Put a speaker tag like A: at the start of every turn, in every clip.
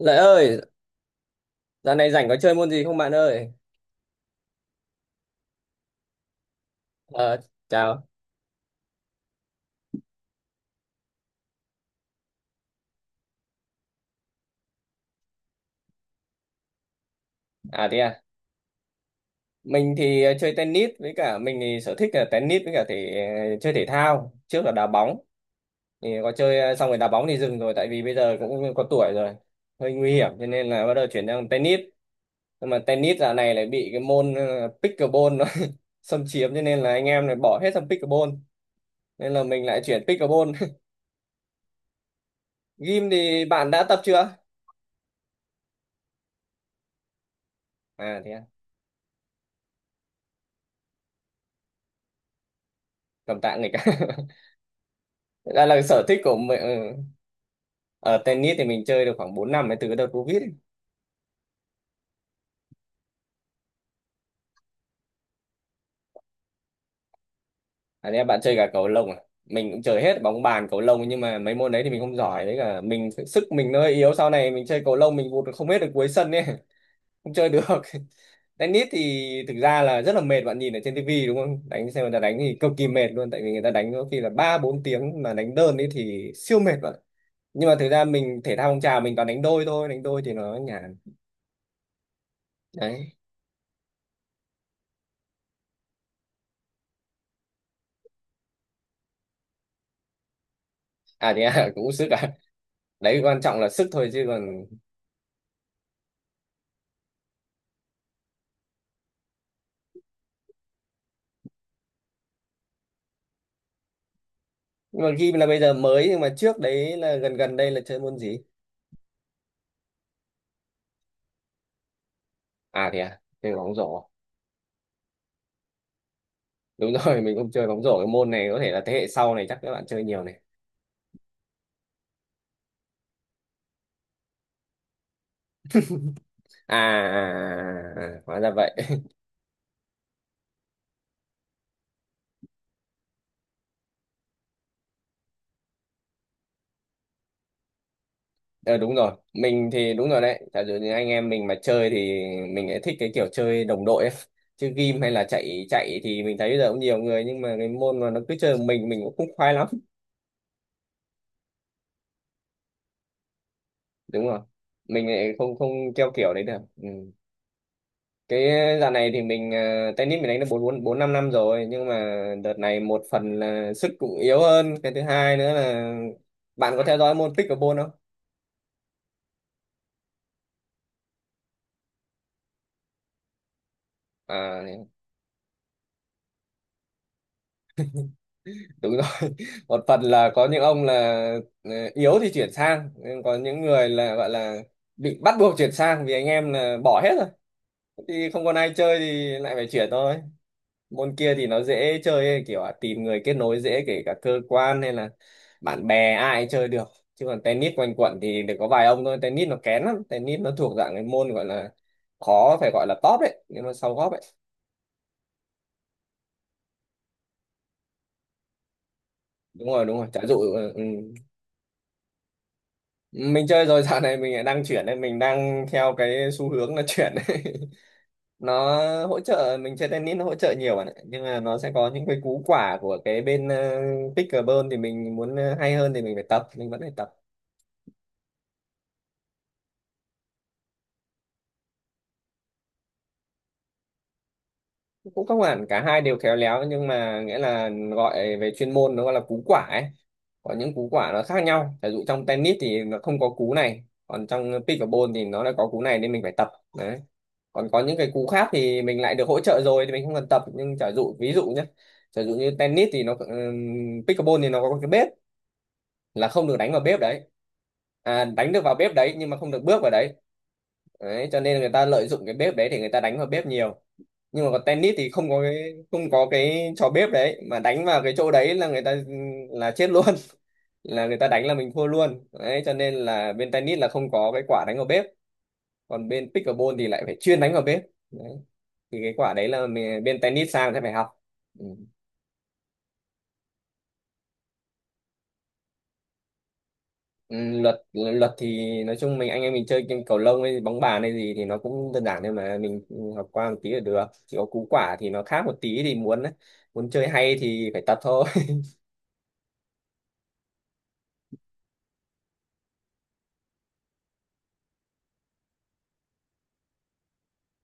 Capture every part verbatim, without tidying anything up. A: Lợi ơi, dạo này rảnh có chơi môn gì không bạn ơi? Ờ, chào. À thế à. Mình thì ờ, chơi tennis với cả mình thì sở thích là tennis với cả thì ờ, chơi thể thao, trước là đá bóng. Thì có chơi ờ, xong rồi đá bóng thì dừng rồi tại vì bây giờ cũng có tuổi rồi, hơi nguy hiểm cho nên là bắt đầu chuyển sang tennis. Nhưng mà tennis dạo này lại bị cái môn ờ, pickleball nó xâm chiếm cho nên là anh em này bỏ hết sang pickleball. Nên là mình lại chuyển pickleball. Gym thì bạn đã tập chưa? À thế à, cầm tạ nghịch à? Đây là sở thích của mình ừ. Ờ, tennis thì mình chơi được khoảng bốn năm ấy, từ cái đợt Covid ấy. À, thế bạn chơi cả cầu lông à? Mình cũng chơi hết bóng bàn cầu lông, nhưng mà mấy môn đấy thì mình không giỏi đấy, cả mình sức mình nó hơi yếu, sau này mình chơi cầu lông mình vụt không hết được cuối sân ấy, không chơi được. Tennis thì thực ra là rất là mệt bạn, nhìn ở trên tivi đúng không, đánh xem người ta đánh thì cực kỳ mệt luôn, tại vì người ta đánh có khi là ba bốn tiếng mà đánh đơn ấy thì siêu mệt bạn. Nhưng mà thực ra mình thể thao phong trào mình toàn đánh đôi thôi, đánh đôi thì nó nhàn đấy. à thì à, cũng sức à, đấy quan trọng là sức thôi chứ còn. Nhưng mà ghi là bây giờ mới, nhưng mà trước đấy là gần gần đây là chơi môn gì? À thế à, chơi bóng rổ. Đúng rồi, mình cũng chơi bóng rổ, cái môn này có thể là thế hệ sau này chắc các bạn chơi nhiều này. À, à, à, à, à, à, hóa ra vậy. Ờ đúng rồi, mình thì đúng rồi đấy, giả dụ như anh em mình mà chơi thì mình lại thích cái kiểu chơi đồng đội ấy. Chứ game hay là chạy chạy thì mình thấy bây giờ cũng nhiều người, nhưng mà cái môn mà nó cứ chơi một mình mình cũng không khoái lắm. Đúng rồi, mình lại không không theo kiểu đấy được ừ. Cái ờ, dạo này thì mình ờ, tennis mình đánh được bốn bốn bốn năm năm rồi, nhưng mà đợt này một phần là sức cũng yếu hơn, cái thứ hai nữa là bạn có theo dõi môn pickleball không? À đúng rồi, một phần là có những ông là ờ, yếu thì chuyển sang, nhưng có những người là gọi là bị bắt buộc chuyển sang vì anh em là bỏ hết rồi thì không còn ai chơi thì lại phải chuyển thôi. Môn kia thì nó dễ chơi ấy, kiểu là tìm người kết nối dễ, kể cả cơ quan hay là bạn bè ai cũng chơi được. Chứ còn tennis quanh quẩn thì được có vài ông thôi, tennis nó kén lắm, tennis nó thuộc dạng cái môn gọi là khó, phải gọi là top đấy nhưng mà sau góp ấy. Đúng rồi đúng rồi chả dụ ừ. Ừ. Mình chơi rồi, dạo này mình lại đang chuyển nên mình đang theo cái xu hướng là chuyển ấy. Nó hỗ trợ mình chơi tennis, nó hỗ trợ nhiều bạn ạ, nhưng mà nó sẽ có những cái cú quả của cái bên uh, pickleball thì mình muốn ờ, hay hơn thì mình phải tập, mình vẫn phải tập. Cũng không hẳn cả hai đều khéo léo, nhưng mà nghĩa là gọi về chuyên môn nó gọi là cú quả ấy, có những cú quả nó khác nhau, ví dụ trong tennis thì nó không có cú này, còn trong pickleball thì nó lại có cú này nên mình phải tập. Đấy, còn có những cái cú khác thì mình lại được hỗ trợ rồi thì mình không cần tập, nhưng giả dụ ví dụ nhé, giả dụ như tennis thì nó ừm, pickleball thì nó có cái bếp, là không được đánh vào bếp đấy, à, đánh được vào bếp đấy nhưng mà không được bước vào đấy. Đấy, cho nên người ta lợi dụng cái bếp đấy thì người ta đánh vào bếp nhiều, nhưng mà còn tennis thì không có cái không có cái trò bếp đấy mà đánh vào cái chỗ đấy là người ta là chết luôn. Là người ta đánh là mình thua luôn đấy, cho nên là bên tennis là không có cái quả đánh vào bếp, còn bên pickleball thì lại phải chuyên đánh vào bếp. Đấy, thì cái quả đấy là mình, bên tennis sang sẽ phải học ừ. Ừ, luật luật thì nói chung mình, anh em mình chơi game cầu lông hay bóng bàn hay gì thì nó cũng đơn giản thôi mà, mình học qua một tí là được, chỉ có cú quả thì nó khác một tí thì muốn muốn chơi hay thì phải tập thôi.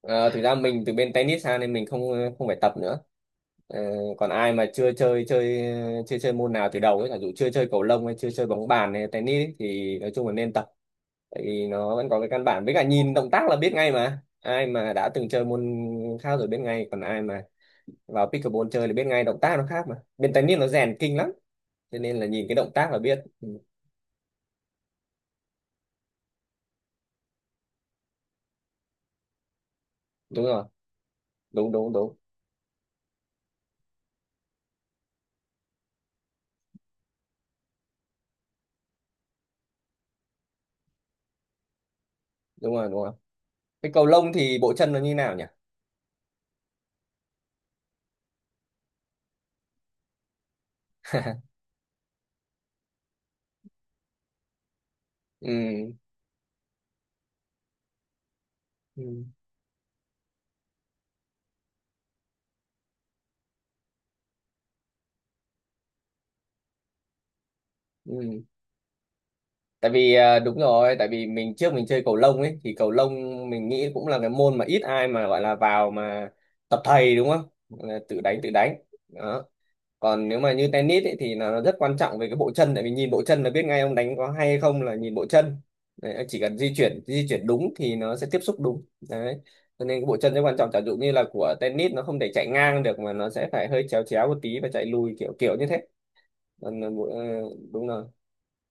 A: Ờ, thực ra mình từ bên tennis sang nên mình không không phải tập nữa. Ờ, còn ai mà chưa chơi chơi chơi chơi môn nào từ đầu ấy, giả dụ chưa chơi cầu lông hay chưa chơi bóng bàn hay tennis ấy, thì nói chung là nên tập, tại vì nó vẫn có cái căn bản, với cả nhìn động tác là biết ngay mà, ai mà đã từng chơi môn khác rồi biết ngay, còn ai mà vào pickleball chơi là biết ngay, động tác nó khác mà, bên tennis nó rèn kinh lắm cho nên là nhìn cái động tác là biết ừ. Đúng rồi, đúng đúng đúng, đúng rồi đúng rồi. Cái cầu lông thì bộ chân nó như nào nhỉ? Ừ. Ừ. Ừ. Tại vì à, đúng rồi, tại vì mình trước mình chơi cầu lông ấy, thì cầu lông mình nghĩ cũng là cái môn mà ít ai mà gọi là vào mà tập thầy đúng không, là tự đánh tự đánh đó. Còn nếu mà như tennis ấy, thì là nó rất quan trọng về cái bộ chân, tại vì nhìn bộ chân là biết ngay ông đánh có hay hay không là nhìn bộ chân. Đấy, chỉ cần di chuyển di chuyển đúng thì nó sẽ tiếp xúc đúng đấy, cho nên cái bộ chân rất quan trọng, chẳng dụ như là của tennis nó không thể chạy ngang được mà nó sẽ phải hơi chéo chéo một tí và chạy lùi kiểu kiểu như thế. Còn là bộ- ờ, đúng rồi,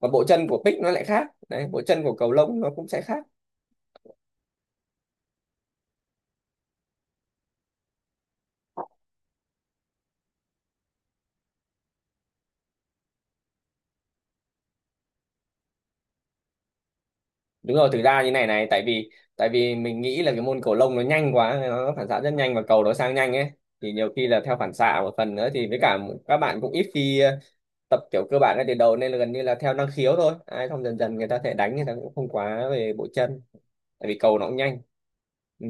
A: và bộ chân của pick nó lại khác đấy, bộ chân của cầu lông nó cũng sẽ khác. Đúng rồi, thực ra như này này, tại vì tại vì mình nghĩ là cái môn cầu lông nó nhanh quá, nó phản xạ rất nhanh và cầu nó sang nhanh ấy, thì nhiều khi là theo phản xạ một phần nữa, thì với cả các bạn cũng ít khi ờ, tập kiểu cơ bản ngay từ đầu, nên là gần như là theo năng khiếu thôi, ai không dần dần người ta thể đánh người ta cũng không quá về bộ chân, tại vì cầu nó cũng nhanh ừ.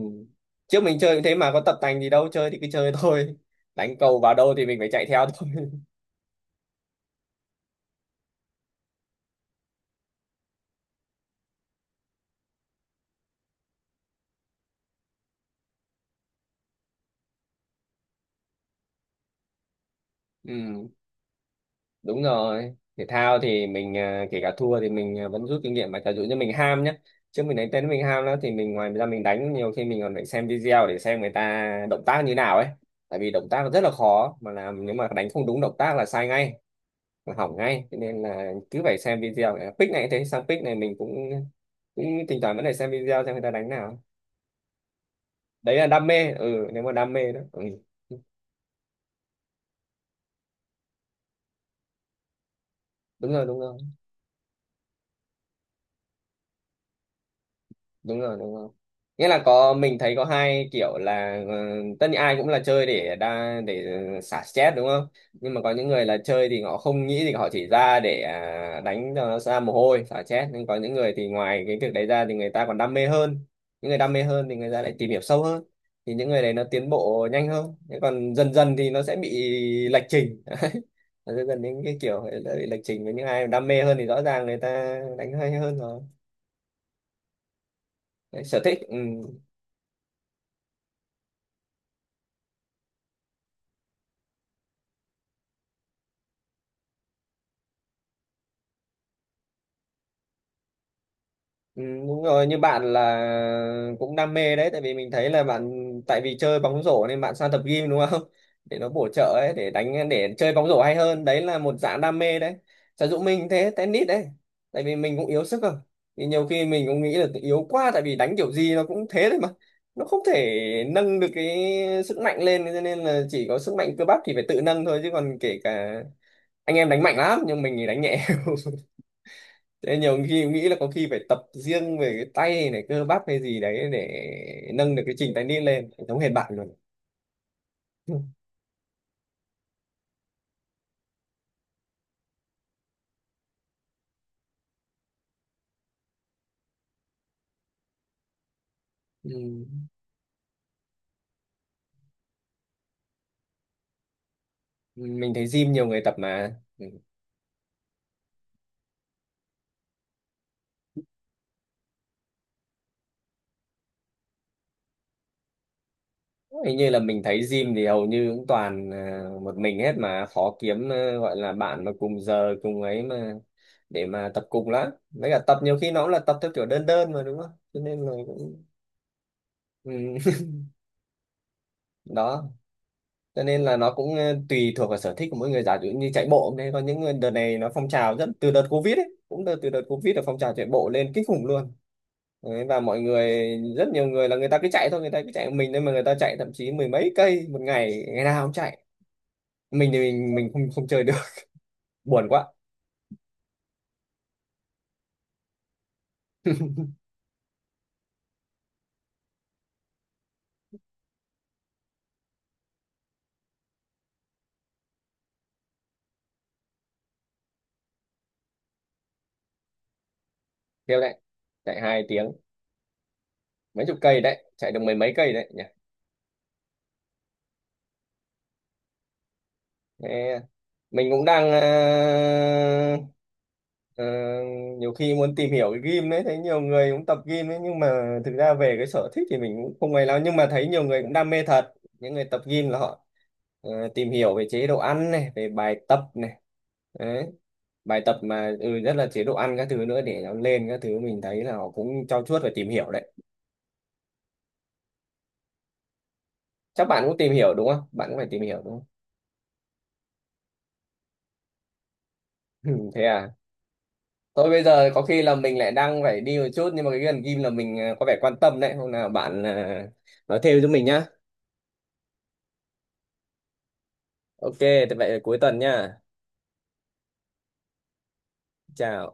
A: Trước mình chơi cũng thế mà, có tập tành gì đâu, chơi thì cứ chơi thôi, đánh cầu vào đâu thì mình phải chạy theo thôi. Ừ. Đúng rồi, thể thao thì mình à, kể cả thua thì mình à, vẫn rút kinh nghiệm mà, giả dụ như mình ham nhé, trước mình đánh tennis mình ham lắm thì mình ngoài ra mình đánh nhiều khi mình còn phải xem video để xem người ta động tác như nào ấy, tại vì động tác rất là khó mà làm, nếu mà đánh không đúng động tác là sai ngay, là hỏng ngay, cho nên là cứ phải xem video. À, pick này cũng thế, sang pick này mình cũng cũng thỉnh thoảng vẫn phải xem video xem người ta đánh nào. Đấy là đam mê ừ, nếu mà đam mê đó ừ. Đúng rồi đúng rồi, đúng rồi đúng rồi, nghĩa là có mình thấy có hai kiểu là ờ, tất nhiên ai cũng là chơi để đa để ờ, xả stress đúng không, nhưng mà có những người là chơi thì họ không nghĩ, thì họ chỉ ra để à, đánh cho nó ra mồ hôi xả stress, nhưng có những người thì ngoài cái việc đấy ra thì người ta còn đam mê hơn. Những người đam mê hơn thì người ta lại tìm hiểu sâu hơn, thì những người đấy nó tiến bộ nhanh hơn, thế còn dần dần thì nó sẽ bị lệch trình. Đấy, dần dần những cái kiểu sẽ bị lệch trình với những ai đam mê hơn thì rõ ràng người ta đánh hay hơn rồi. Đấy, sở thích ừ. Ừ, đúng rồi, như bạn là cũng đam mê đấy, tại vì mình thấy là bạn, tại vì chơi bóng rổ nên bạn sang tập gym đúng không, để nó bổ trợ ấy, để đánh để chơi bóng rổ hay hơn, đấy là một dạng đam mê đấy. Trà Dũng mình thế tennis đấy, tại vì mình cũng yếu sức không, thì nhiều khi mình cũng nghĩ là yếu quá, tại vì đánh kiểu gì nó cũng thế thôi mà, nó không thể nâng được cái sức mạnh lên, cho nên là chỉ có sức mạnh cơ bắp thì phải tự nâng thôi, chứ còn kể cả anh em đánh mạnh lắm nhưng mình thì đánh nhẹ. Thế nhiều khi nghĩ là có khi phải tập riêng về cái tay này cơ bắp hay gì đấy để nâng được cái trình tay nít lên giống hệt bạn luôn. Ừ. Mình thấy gym nhiều người tập mà ừ. Hình như là mình thấy gym thì hầu như cũng toàn à, một mình hết, mà khó kiếm à, gọi là bạn mà cùng giờ cùng ấy mà, để mà tập cùng lắm, với cả tập nhiều khi nó cũng là tập theo kiểu đơn đơn mà đúng không, cho nên là cũng ừ. Đó, cho nên là nó cũng ờ, tùy thuộc vào sở thích của mỗi người, giả dụ như chạy bộ đấy, có những ờ, đợt này nó phong trào rất từ đợt Covid ấy, cũng đợt từ đợt Covid là phong trào chạy bộ lên kinh khủng luôn. Đấy, và mọi người rất nhiều người là người ta cứ chạy thôi, người ta cứ chạy một mình, nên mà người ta chạy thậm chí mười mấy cây một ngày, ngày nào cũng chạy, mình thì mình mình không không chơi được. Buồn quá. Theo đấy, chạy hai tiếng mấy chục cây đấy, chạy được mười mấy cây đấy. Thế mình cũng đang ờ, ờ, nhiều khi muốn tìm hiểu cái gym đấy, thấy nhiều người cũng tập gym đấy, nhưng mà thực ra về cái sở thích thì mình cũng không ấy lắm, nhưng mà thấy nhiều người cũng đam mê thật. Những người tập gym là họ ờ, tìm hiểu về chế độ ăn này, về bài tập này. Đấy, bài tập mà ừ, rất là chế độ ăn các thứ nữa để nó lên các thứ, mình thấy là họ cũng trau chuốt và tìm hiểu đấy. Chắc bạn cũng tìm hiểu đúng không, bạn cũng phải tìm hiểu đúng không? Thế à. Thôi bây giờ có khi là mình lại đang phải đi một chút, nhưng mà cái gần game là mình ờ, có vẻ quan tâm đấy. Hôm nào bạn ờ, nói thêm cho mình nhá. Ok, thế vậy cuối tuần nhá. Chào.